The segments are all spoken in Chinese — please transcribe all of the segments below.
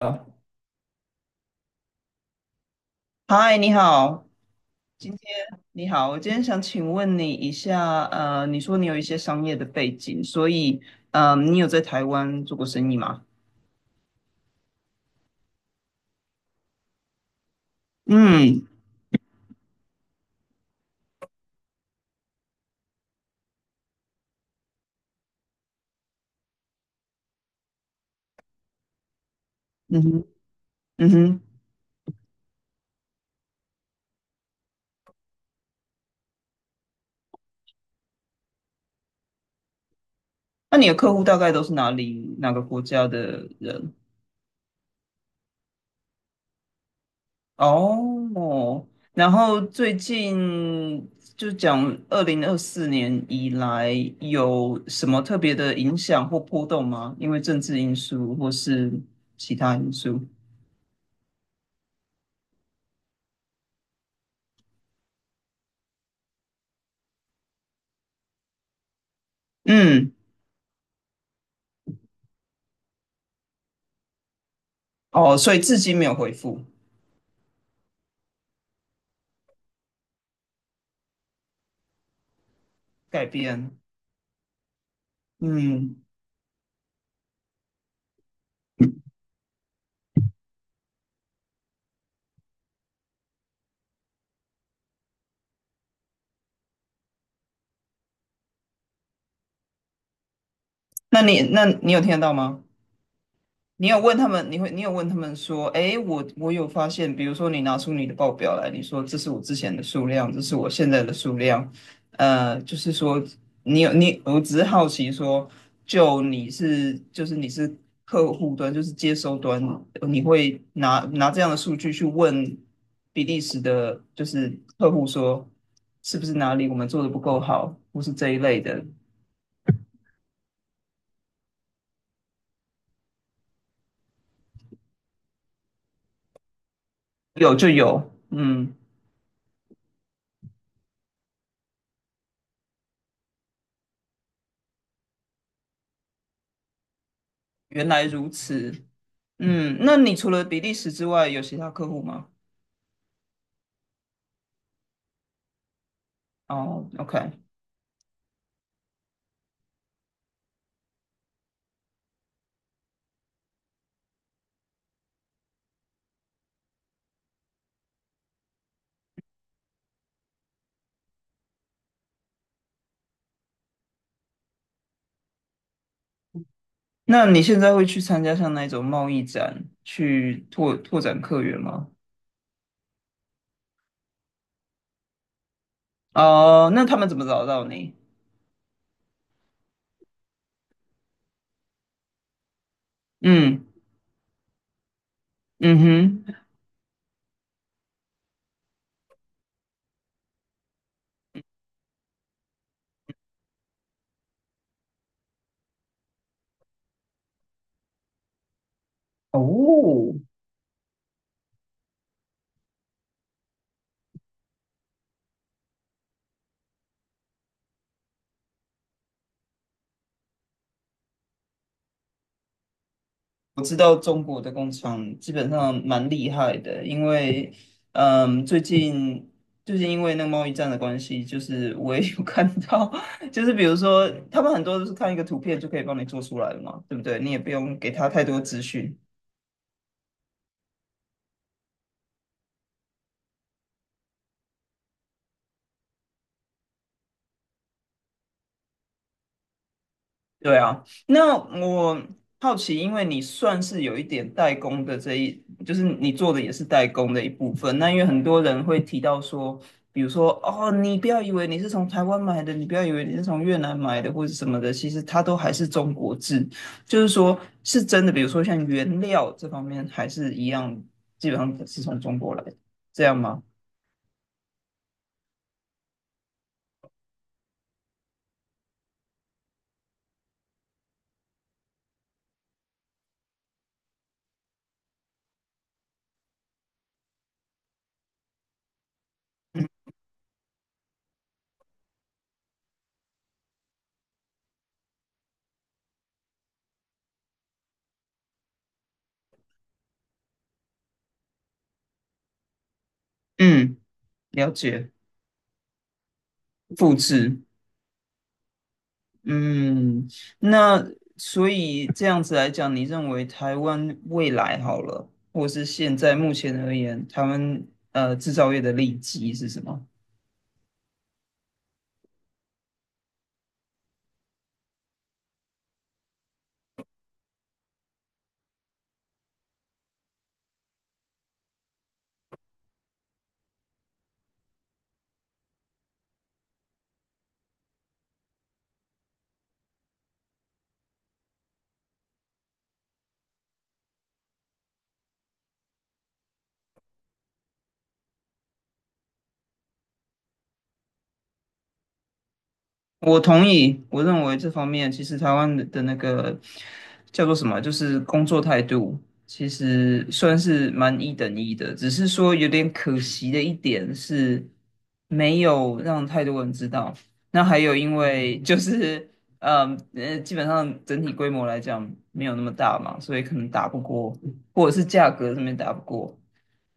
啊嗨，你好，今天你好，我今天想请问你一下，你说你有一些商业的背景，所以，你有在台湾做过生意吗？嗯嗯哼嗯哼，那你的客户大概都是哪里哪个国家的人？哦，然后最近就讲2024年以来有什么特别的影响或波动吗？因为政治因素或是其他因素？嗯。哦，所以至今没有回复改变。嗯，那你有听得到吗？你有问他们说，哎，我有发现，比如说你拿出你的报表来，你说这是我之前的数量，这是我现在的数量，就是说你有你，我只是好奇说，就你是就是你是客户端，就是接收端，你会拿这样的数据去问比利时的，就是客户说，是不是哪里我们做的不够好，或是这一类的，有就有，嗯，原来如此，嗯，那你除了比利时之外，有其他客户吗？哦，OK，那你现在会去参加像那种贸易展，去拓展客源吗？哦，那他们怎么找到你？嗯嗯哼，哦，我知道中国的工厂基本上蛮厉害的，因为嗯，最近因为那个贸易战的关系，就是我也有 看到，就是比如说他们很多都是看一个图片就可以帮你做出来了嘛，对不对？你也不用给他太多资讯。对啊，那我好奇，因为你算是有一点代工的就是你做的也是代工的一部分。那因为很多人会提到说，比如说哦，你不要以为你是从台湾买的，你不要以为你是从越南买的或者什么的，其实它都还是中国制。就是说，是真的，比如说像原料这方面，还是一样，基本上是从中国来的，这样吗？嗯，了解，复制。嗯，那所以这样子来讲，你认为台湾未来好了，或是现在目前而言，台湾制造业的利基是什么？我同意，我认为这方面其实台湾的那个叫做什么，就是工作态度，其实算是蛮一等一的，只是说有点可惜的一点是没有让太多人知道。那还有因为就是，基本上整体规模来讲没有那么大嘛，所以可能打不过，或者是价格上面打不过。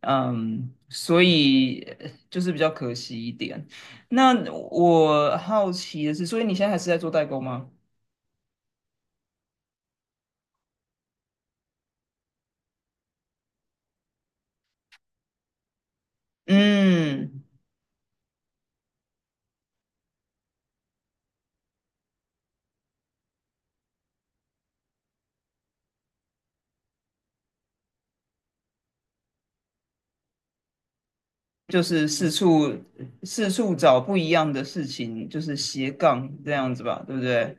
嗯，所以就是比较可惜一点。那我好奇的是，所以你现在还是在做代购吗？嗯，就是四处找不一样的事情，就是斜杠这样子吧，对不对？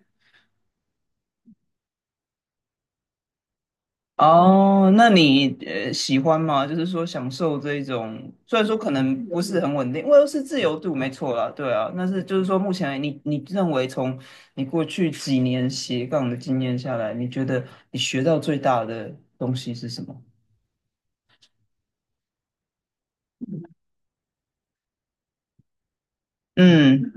哦，那你喜欢吗？就是说享受这一种，虽然说可能不是很稳定，因为是自由度，没错啦，对啊。但是就是说，目前你认为从你过去几年斜杠的经验下来，你觉得你学到最大的东西是什么？嗯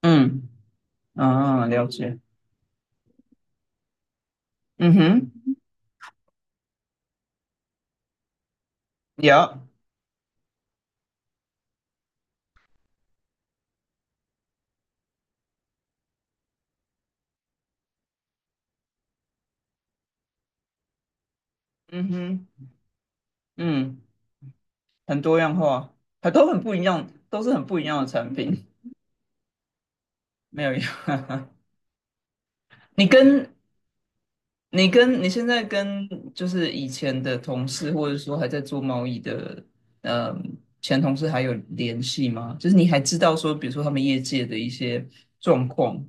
嗯啊，了解。嗯哼，有，嗯哼，嗯，很多样化，它都很不一样，都是很不一样的产品，没有一样。你跟你现在跟就是以前的同事，或者说还在做贸易的，嗯，前同事还有联系吗？就是你还知道说，比如说他们业界的一些状况，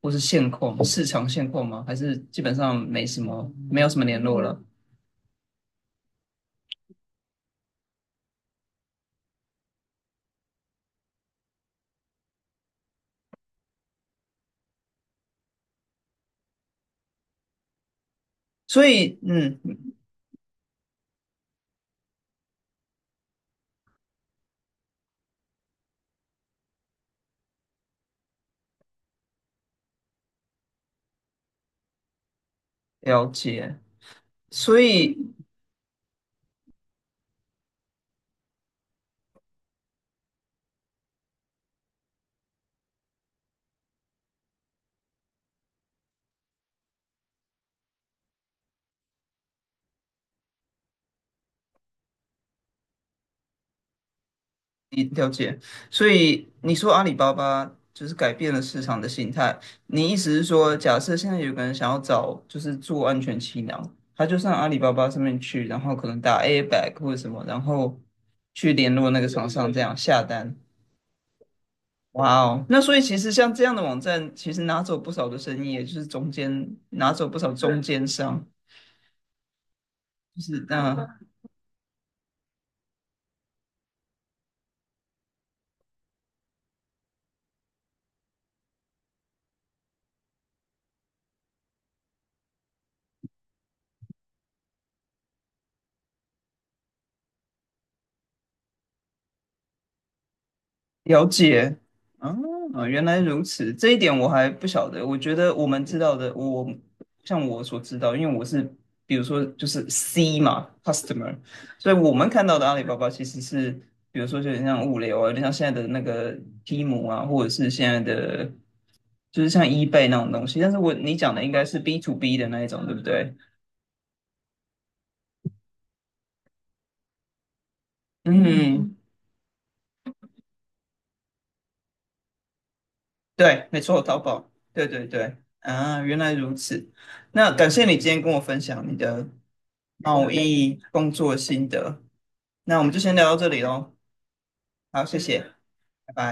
或是现况、市场现况吗？还是基本上没什么，没有什么联络了？所以，嗯，了解。所以了解，所以你说阿里巴巴就是改变了市场的形态，你意思是说，假设现在有个人想要找就是做安全气囊，他就上阿里巴巴上面去，然后可能打 airbag 或者什么，然后去联络那个对厂对商这对样下单。哇哦，那所以其实像这样的网站，其实拿走不少的生意，也就是中间拿走不少中对间商，就是那、了解，啊，原来如此，这一点我还不晓得。我觉得我们知道的，像我所知道，因为我是比如说就是 C 嘛，customer，所以我们看到的阿里巴巴其实是，比如说有点像物流啊，有点像现在的那个 Temu 啊，或者是现在的就是像 eBay 那种东西。但是我你讲的应该是 B2B 的那一种，对不对？嗯，对，没错，淘宝，对对对，啊，原来如此。那感谢你今天跟我分享你的贸易工作心得。那我们就先聊到这里喽，好，谢谢，嗯拜拜。